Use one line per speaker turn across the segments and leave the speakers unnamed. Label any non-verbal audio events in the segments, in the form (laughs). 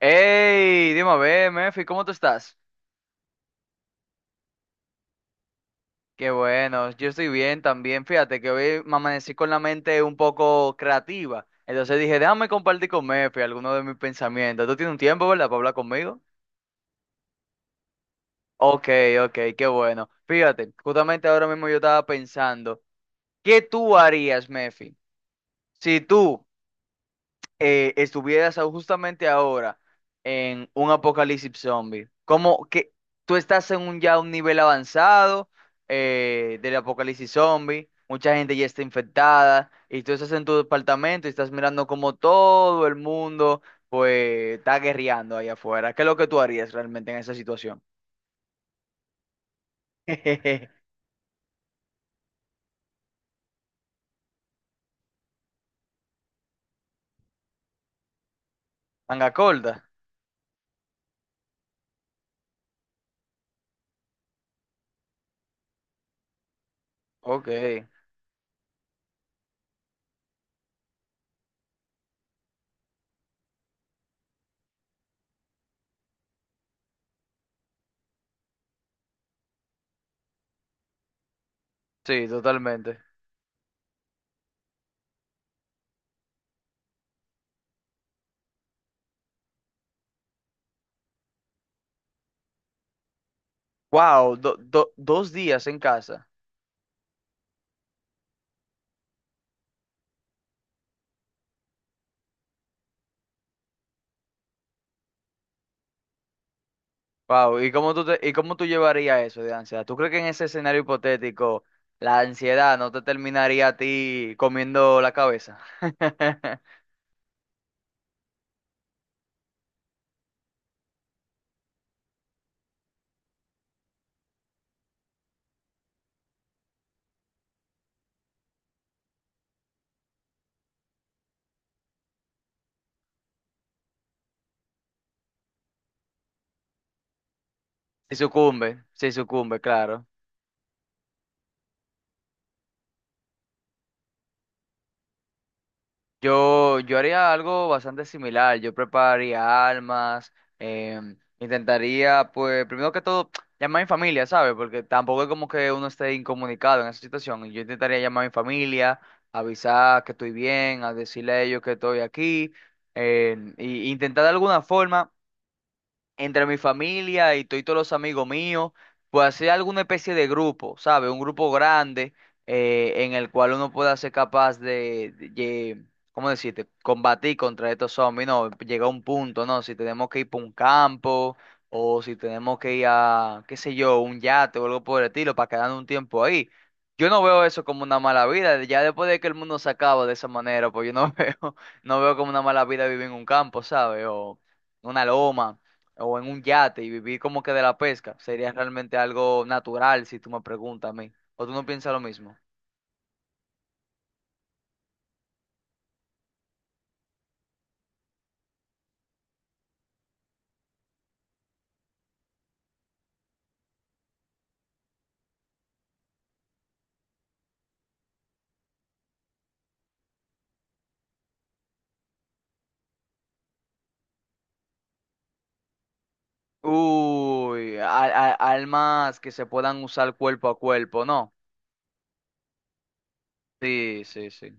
Hey, dime a ver, Mefi, ¿cómo tú estás? Qué bueno, yo estoy bien también. Fíjate que hoy me amanecí con la mente un poco creativa. Entonces dije, déjame compartir con Mefi algunos de mis pensamientos. ¿Tú tienes un tiempo, verdad, para hablar conmigo? Ok, ok, qué bueno. Fíjate, justamente ahora mismo yo estaba pensando, ¿qué tú harías, Mefi? Si tú estuvieras justamente ahora en un apocalipsis zombie, como que tú estás en un ya un nivel avanzado del apocalipsis zombie, mucha gente ya está infectada y tú estás en tu departamento y estás mirando como todo el mundo pues está guerreando ahí afuera. ¿Qué es lo que tú harías realmente en esa situación? (laughs) Manga corta. Ok, sí, totalmente. Wow, dos días en casa. Wow, ¿y cómo y cómo tú llevarías eso de ansiedad? ¿Tú crees que en ese escenario hipotético la ansiedad no te terminaría a ti comiendo la cabeza? (laughs) Si sucumbe, si sucumbe, claro. Yo haría algo bastante similar. Yo prepararía almas, intentaría, pues, primero que todo, (tsk) llamar a mi familia, ¿sabes? Porque tampoco es como que uno esté incomunicado en esa situación. Yo intentaría llamar a mi familia, avisar que estoy bien, a decirle a ellos que estoy aquí, y intentar de alguna forma entre mi familia y todos los amigos míos, pues hacer alguna especie de grupo, ¿sabes? Un grupo grande en el cual uno pueda ser capaz de ¿cómo decirte? Combatir contra estos zombies, ¿no? Llega a un punto, ¿no? Si tenemos que ir para un campo o si tenemos que ir a, qué sé yo, un yate o algo por el estilo para quedarnos un tiempo ahí. Yo no veo eso como una mala vida, ya después de que el mundo se acaba de esa manera, pues yo no (laughs) veo, no veo como una mala vida vivir en un campo, ¿sabes? O una loma o en un yate y vivir como que de la pesca, sería realmente algo natural si tú me preguntas a mí. ¿O tú no piensas lo mismo? Uy, almas que se puedan usar cuerpo a cuerpo, ¿no? Sí, sí, sí.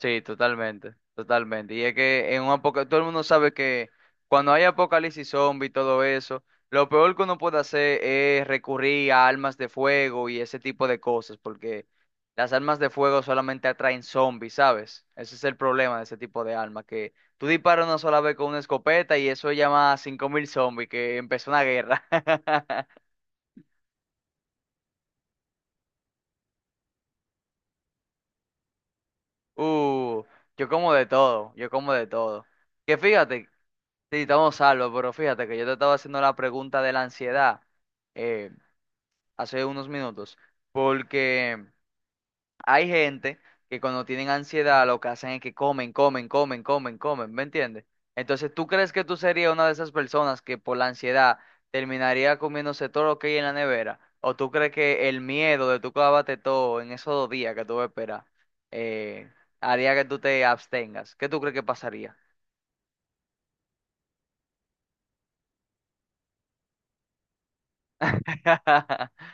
Sí, totalmente, totalmente. Y es que en un apocalipsis, todo el mundo sabe que cuando hay apocalipsis zombie y todo eso, lo peor que uno puede hacer es recurrir a armas de fuego y ese tipo de cosas, porque las armas de fuego solamente atraen zombies, ¿sabes? Ese es el problema de ese tipo de armas, que tú disparas una sola vez con una escopeta y eso llama a 5.000 zombies, que empezó una guerra. (laughs) Uh, yo como de todo, yo como de todo. Que fíjate. Sí, estamos salvos, pero fíjate que yo te estaba haciendo la pregunta de la ansiedad eh, hace unos minutos, porque hay gente que cuando tienen ansiedad lo que hacen es que comen, comen, comen, comen, comen, ¿me entiendes? Entonces, ¿tú crees que tú serías una de esas personas que por la ansiedad terminaría comiéndose todo lo que hay en la nevera? ¿O tú crees que el miedo de tú clavarte todo en esos dos días que tú esperas eh, haría que tú te abstengas? ¿Qué tú crees que pasaría? (laughs)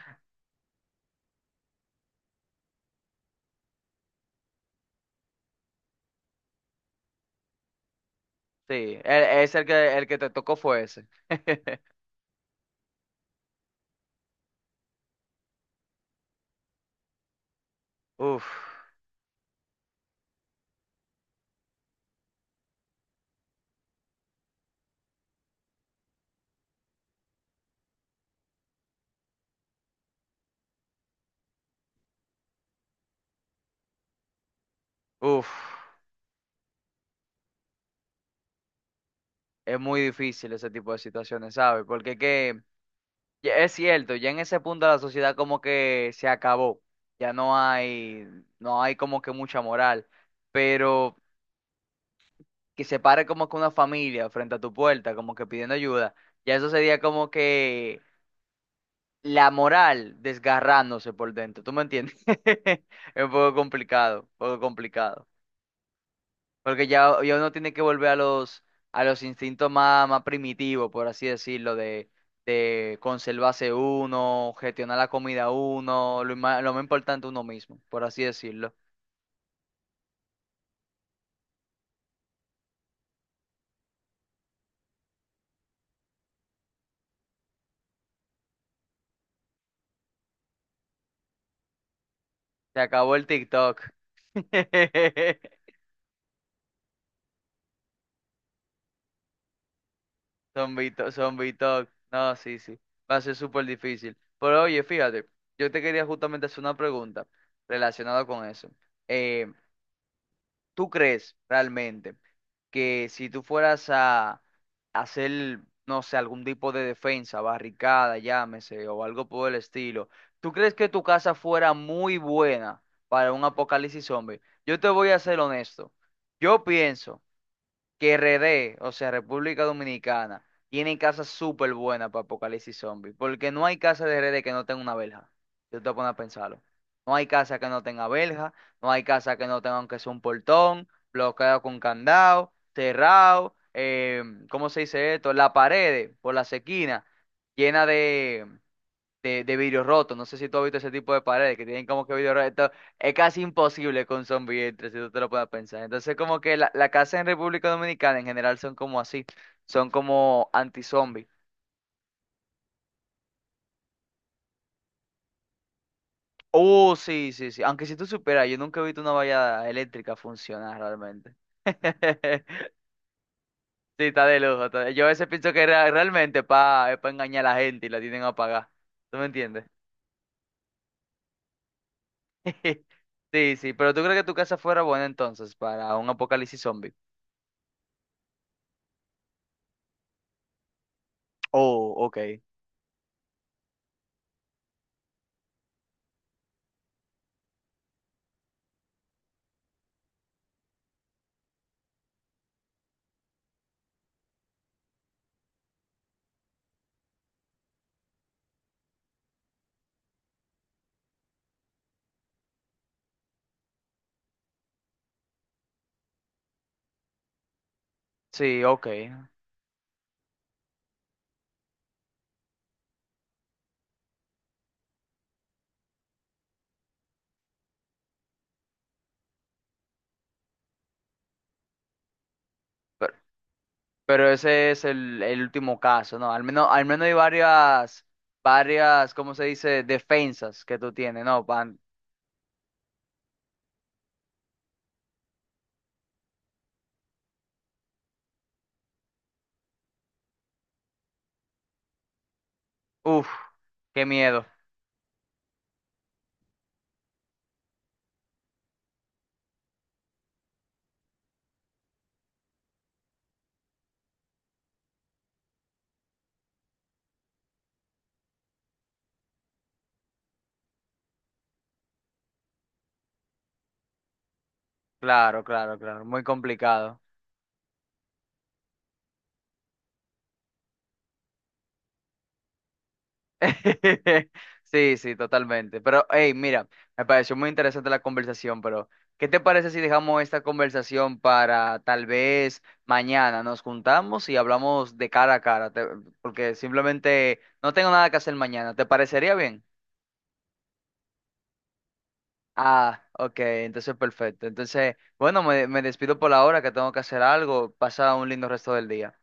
Sí, es el que te tocó fue ese. (laughs) Uf, uf, es muy difícil ese tipo de situaciones, ¿sabes? Porque que, ya es cierto, ya en ese punto la sociedad como que se acabó, ya no hay, no hay como que mucha moral, pero que se pare como que una familia frente a tu puerta, como que pidiendo ayuda, ya eso sería como que la moral desgarrándose por dentro, ¿tú me entiendes? (laughs) Es un poco complicado, un poco complicado. Porque ya, ya uno tiene que volver a los instintos más, más primitivos, por así decirlo, de conservarse uno, gestionar la comida uno, lo más importante uno mismo, por así decirlo. Se acabó el TikTok. (laughs) Zombie zombie talk. No, sí, sí. Va a ser súper difícil. Pero oye, fíjate, yo te quería justamente hacer una pregunta relacionada con eso. Eh, ¿Tú crees realmente que si tú fueras a hacer, no sé, algún tipo de defensa, barricada, llámese, o algo por el estilo, ¿tú crees que tu casa fuera muy buena para un apocalipsis zombie? Yo te voy a ser honesto. Yo pienso que RD, o sea, República Dominicana, tiene casas súper buenas para Apocalipsis Zombie, porque no hay casa de RD que no tenga una verja. Yo te voy a poner a pensarlo. No hay casa que no tenga verja, no hay casa que no tenga aunque sea un portón, bloqueado con candado, cerrado, ¿cómo se dice esto? Las paredes por las esquinas, llena de vidrio roto. No sé si tú has visto ese tipo de paredes que tienen como que vidrio roto. Es casi imposible que un zombie entre, si tú te lo puedes pensar. Entonces, como que la casa en República Dominicana en general son como así, son como anti-zombie. Oh, sí, sí, sí. Aunque si tú supieras, yo nunca he visto una valla eléctrica funcionar realmente. (laughs) Sí, está de lujo. Yo a veces pienso que realmente pa, es para engañar a la gente y la tienen apagada. ¿Tú me entiendes? (laughs) Sí, sí, pero ¿tú crees que tu casa fuera buena entonces para un apocalipsis zombie? Oh, ok. Sí, ok. Pero, pero ese es el último caso, ¿no? Al menos hay varias, varias, ¿cómo se dice? Defensas que tú tienes, ¿no? ¿Pan? Uf, qué miedo. Claro, claro, claro. Muy complicado. (laughs) Sí, sí, totalmente. Pero, hey, mira, me pareció muy interesante la conversación, pero ¿qué te parece si dejamos esta conversación para tal vez mañana? Nos juntamos y hablamos de cara a cara, te- porque simplemente no tengo nada que hacer mañana. ¿Te parecería bien? Ah, ok, entonces perfecto. Entonces, bueno, me despido por la hora que tengo que hacer algo. Pasa un lindo resto del día.